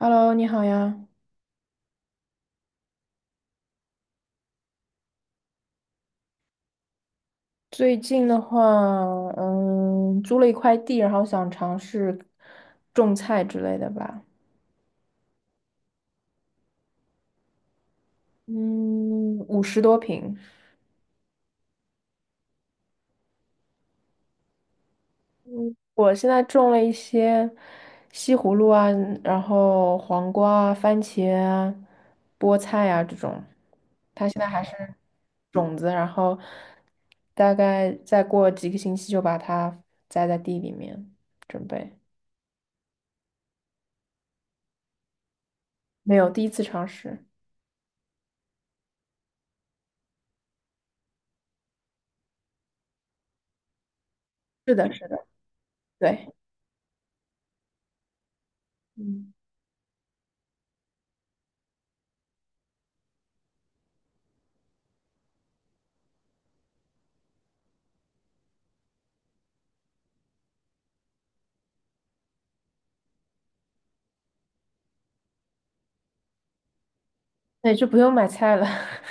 Hello，你好呀。最近的话，租了一块地，然后想尝试种菜之类的吧。嗯，50多平。我现在种了一些西葫芦啊，然后黄瓜啊、番茄啊、菠菜啊这种。它现在还是种子，然后大概再过几个星期就把它栽在地里面，准备。没有，第一次尝试。是的，是的，对。嗯。对，就不用买菜了。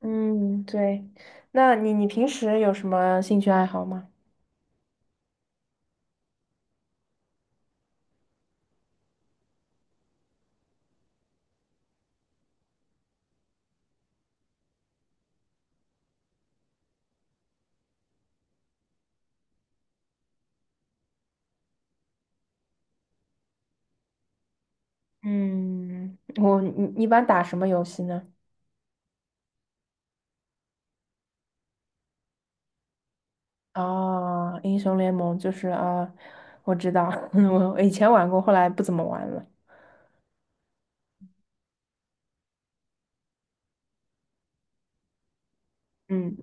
嗯，对。那你平时有什么兴趣爱好吗？嗯，我你你一般打什么游戏呢？哦，英雄联盟就是啊，我知道，我以前玩过，后来不怎么玩了。嗯，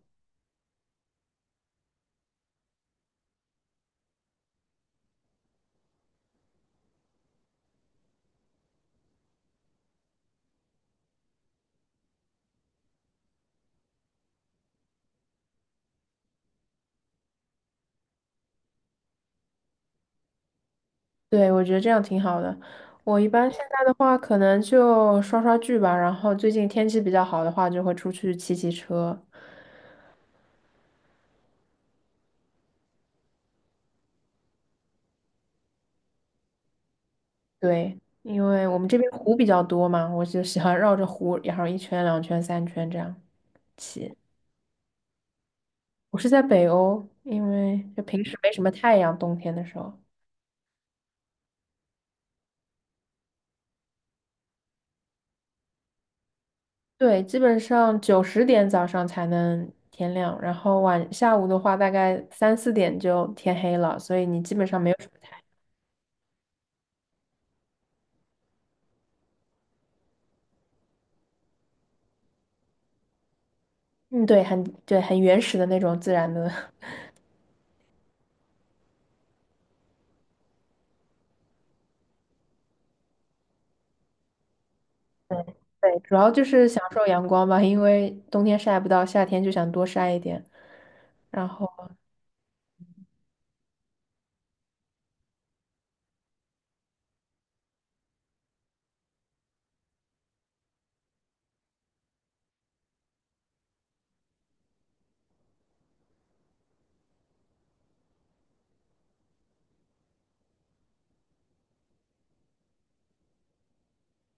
对，我觉得这样挺好的。我一般现在的话，可能就刷刷剧吧，然后最近天气比较好的话，就会出去骑骑车。对，因为我们这边湖比较多嘛，我就喜欢绕着湖，然后一圈、两圈、三圈这样起。我是在北欧，因为就平时没什么太阳，冬天的时候，对，基本上九十点早上才能天亮，然后晚下午的话，大概三四点就天黑了，所以你基本上没有什么太阳。嗯，对，很对，很原始的那种自然的。对对，主要就是享受阳光吧，因为冬天晒不到，夏天就想多晒一点。然后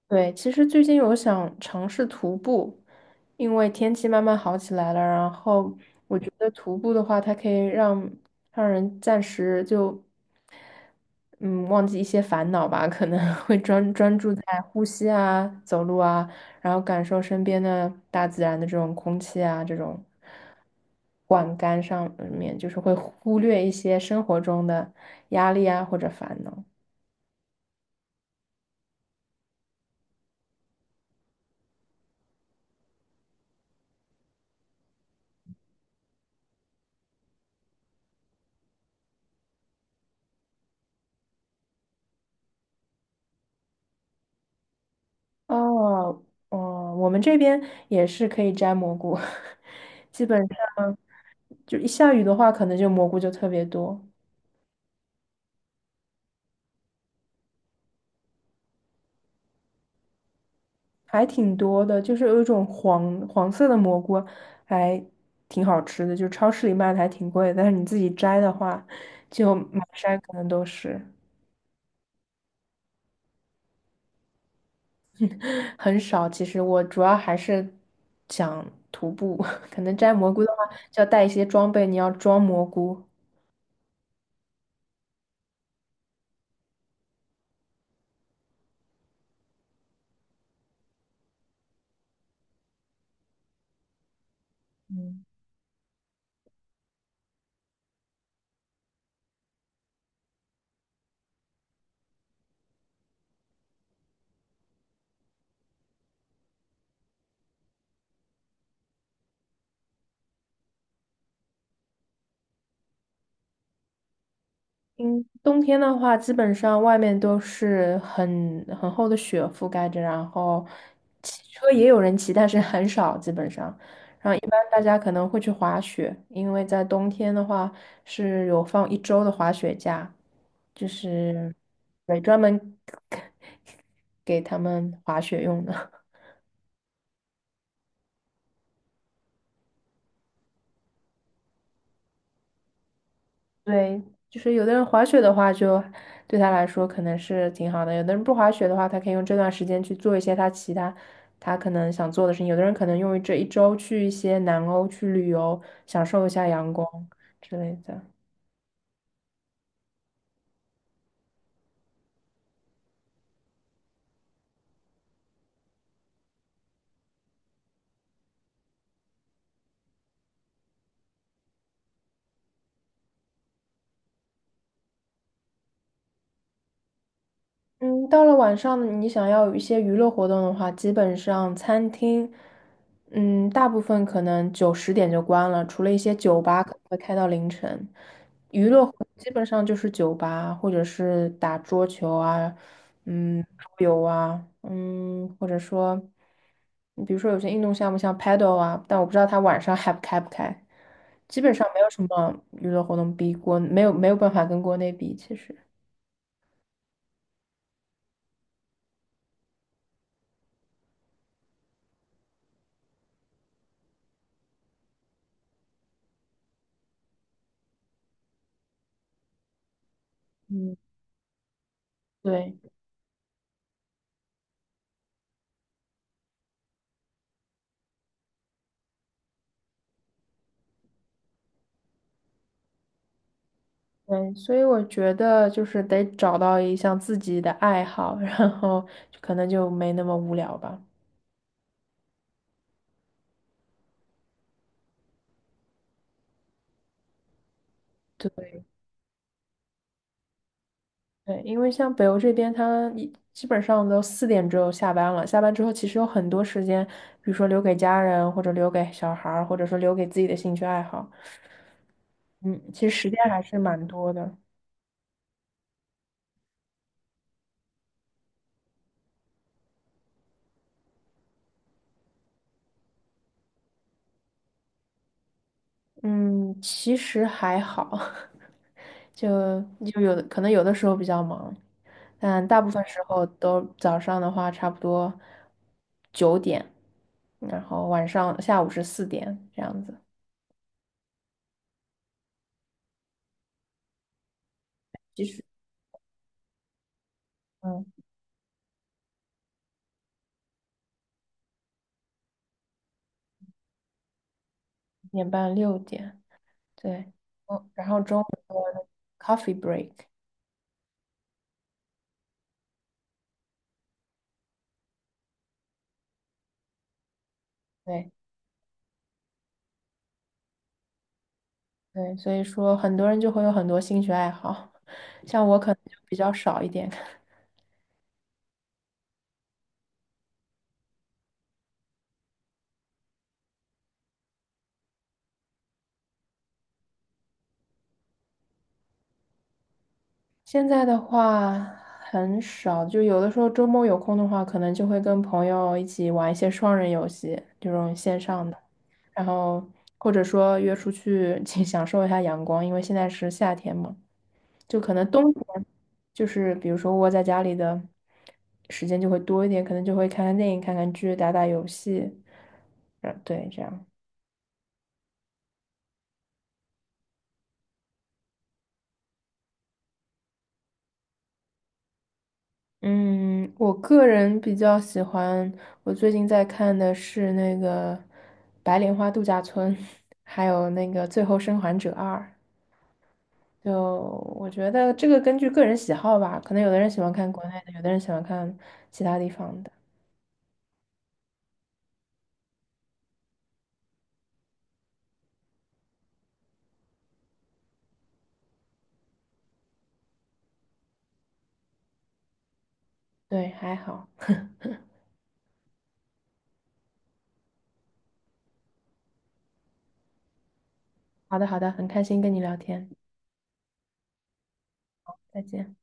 对，其实最近有想尝试徒步，因为天气慢慢好起来了，然后我觉得徒步的话，它可以让人暂时就嗯忘记一些烦恼吧，可能 会专注在呼吸啊、走路啊，然后感受身边的大自然的这种空气啊、这种管干上面，就是会忽略一些生活中的压力啊或者烦恼。哦，哦，我们这边也是可以摘蘑菇，基本上就一下雨的话，可能就蘑菇就特别多，还挺多的，就是有一种黄黄色的蘑菇，还挺好吃的，就超市里卖的还挺贵的但是你自己摘的话，就满山可能都是，很少。其实我主要还是想徒步，可能摘蘑菇的话，就要带一些装备，你要装蘑菇。嗯嗯，冬天的话，基本上外面都是很厚的雪覆盖着，然后骑车也有人骑，但是很少，基本上。然后一般大家可能会去滑雪，因为在冬天的话是有放一周的滑雪假，就是对专门 给他们滑雪用的。对，就是有的人滑雪的话就，对他来说可能是挺好的；有的人不滑雪的话，他可以用这段时间去做一些他其他可能想做的事情；有的人可能用于这一周去一些南欧去旅游，享受一下阳光之类的。嗯，到了晚上，你想要有一些娱乐活动的话，基本上餐厅，嗯，大部分可能九十点就关了，除了一些酒吧可能会开到凌晨。娱乐活动基本上就是酒吧，或者是打桌球啊，嗯，桌游啊，嗯，或者说，比如说有些运动项目像 paddle 啊，但我不知道它晚上还开不开。基本上没有什么娱乐活动比国，没有办法跟国内比，其实，嗯，对。对，所以我觉得就是得找到一项自己的爱好，然后就可能就没那么无聊吧。对对，因为像北欧这边，他一基本上都四点之后下班了，下班之后其实有很多时间，比如说留给家人，或者留给小孩儿，或者说留给自己的兴趣爱好。嗯，其实时间还是蛮多的。嗯，其实还好。就有的可能有的时候比较忙，但大部分时候都早上的话差不多9点，然后晚上下午是四点这样子，其实，嗯，5点半6点，对，嗯，然后中午的 coffee break，对对，所以说很多人就会有很多兴趣爱好，像我可能就比较少一点，现在的话很少，就有的时候周末有空的话，可能就会跟朋友一起玩一些双人游戏，这种线上的，然后或者说约出去 请享受一下阳光，因为现在是夏天嘛，就可能冬天就是比如说窝在家里的时间就会多一点，可能就会看看电影、看看剧、打打游戏，嗯，对，这样。嗯，我个人比较喜欢，我最近在看的是那个《白莲花度假村》，还有那个《最后生还者二》。就我觉得这个根据个人喜好吧，可能有的人喜欢看国内的，有的人喜欢看其他地方的。对，还好。好的，好的，很开心跟你聊天，再见。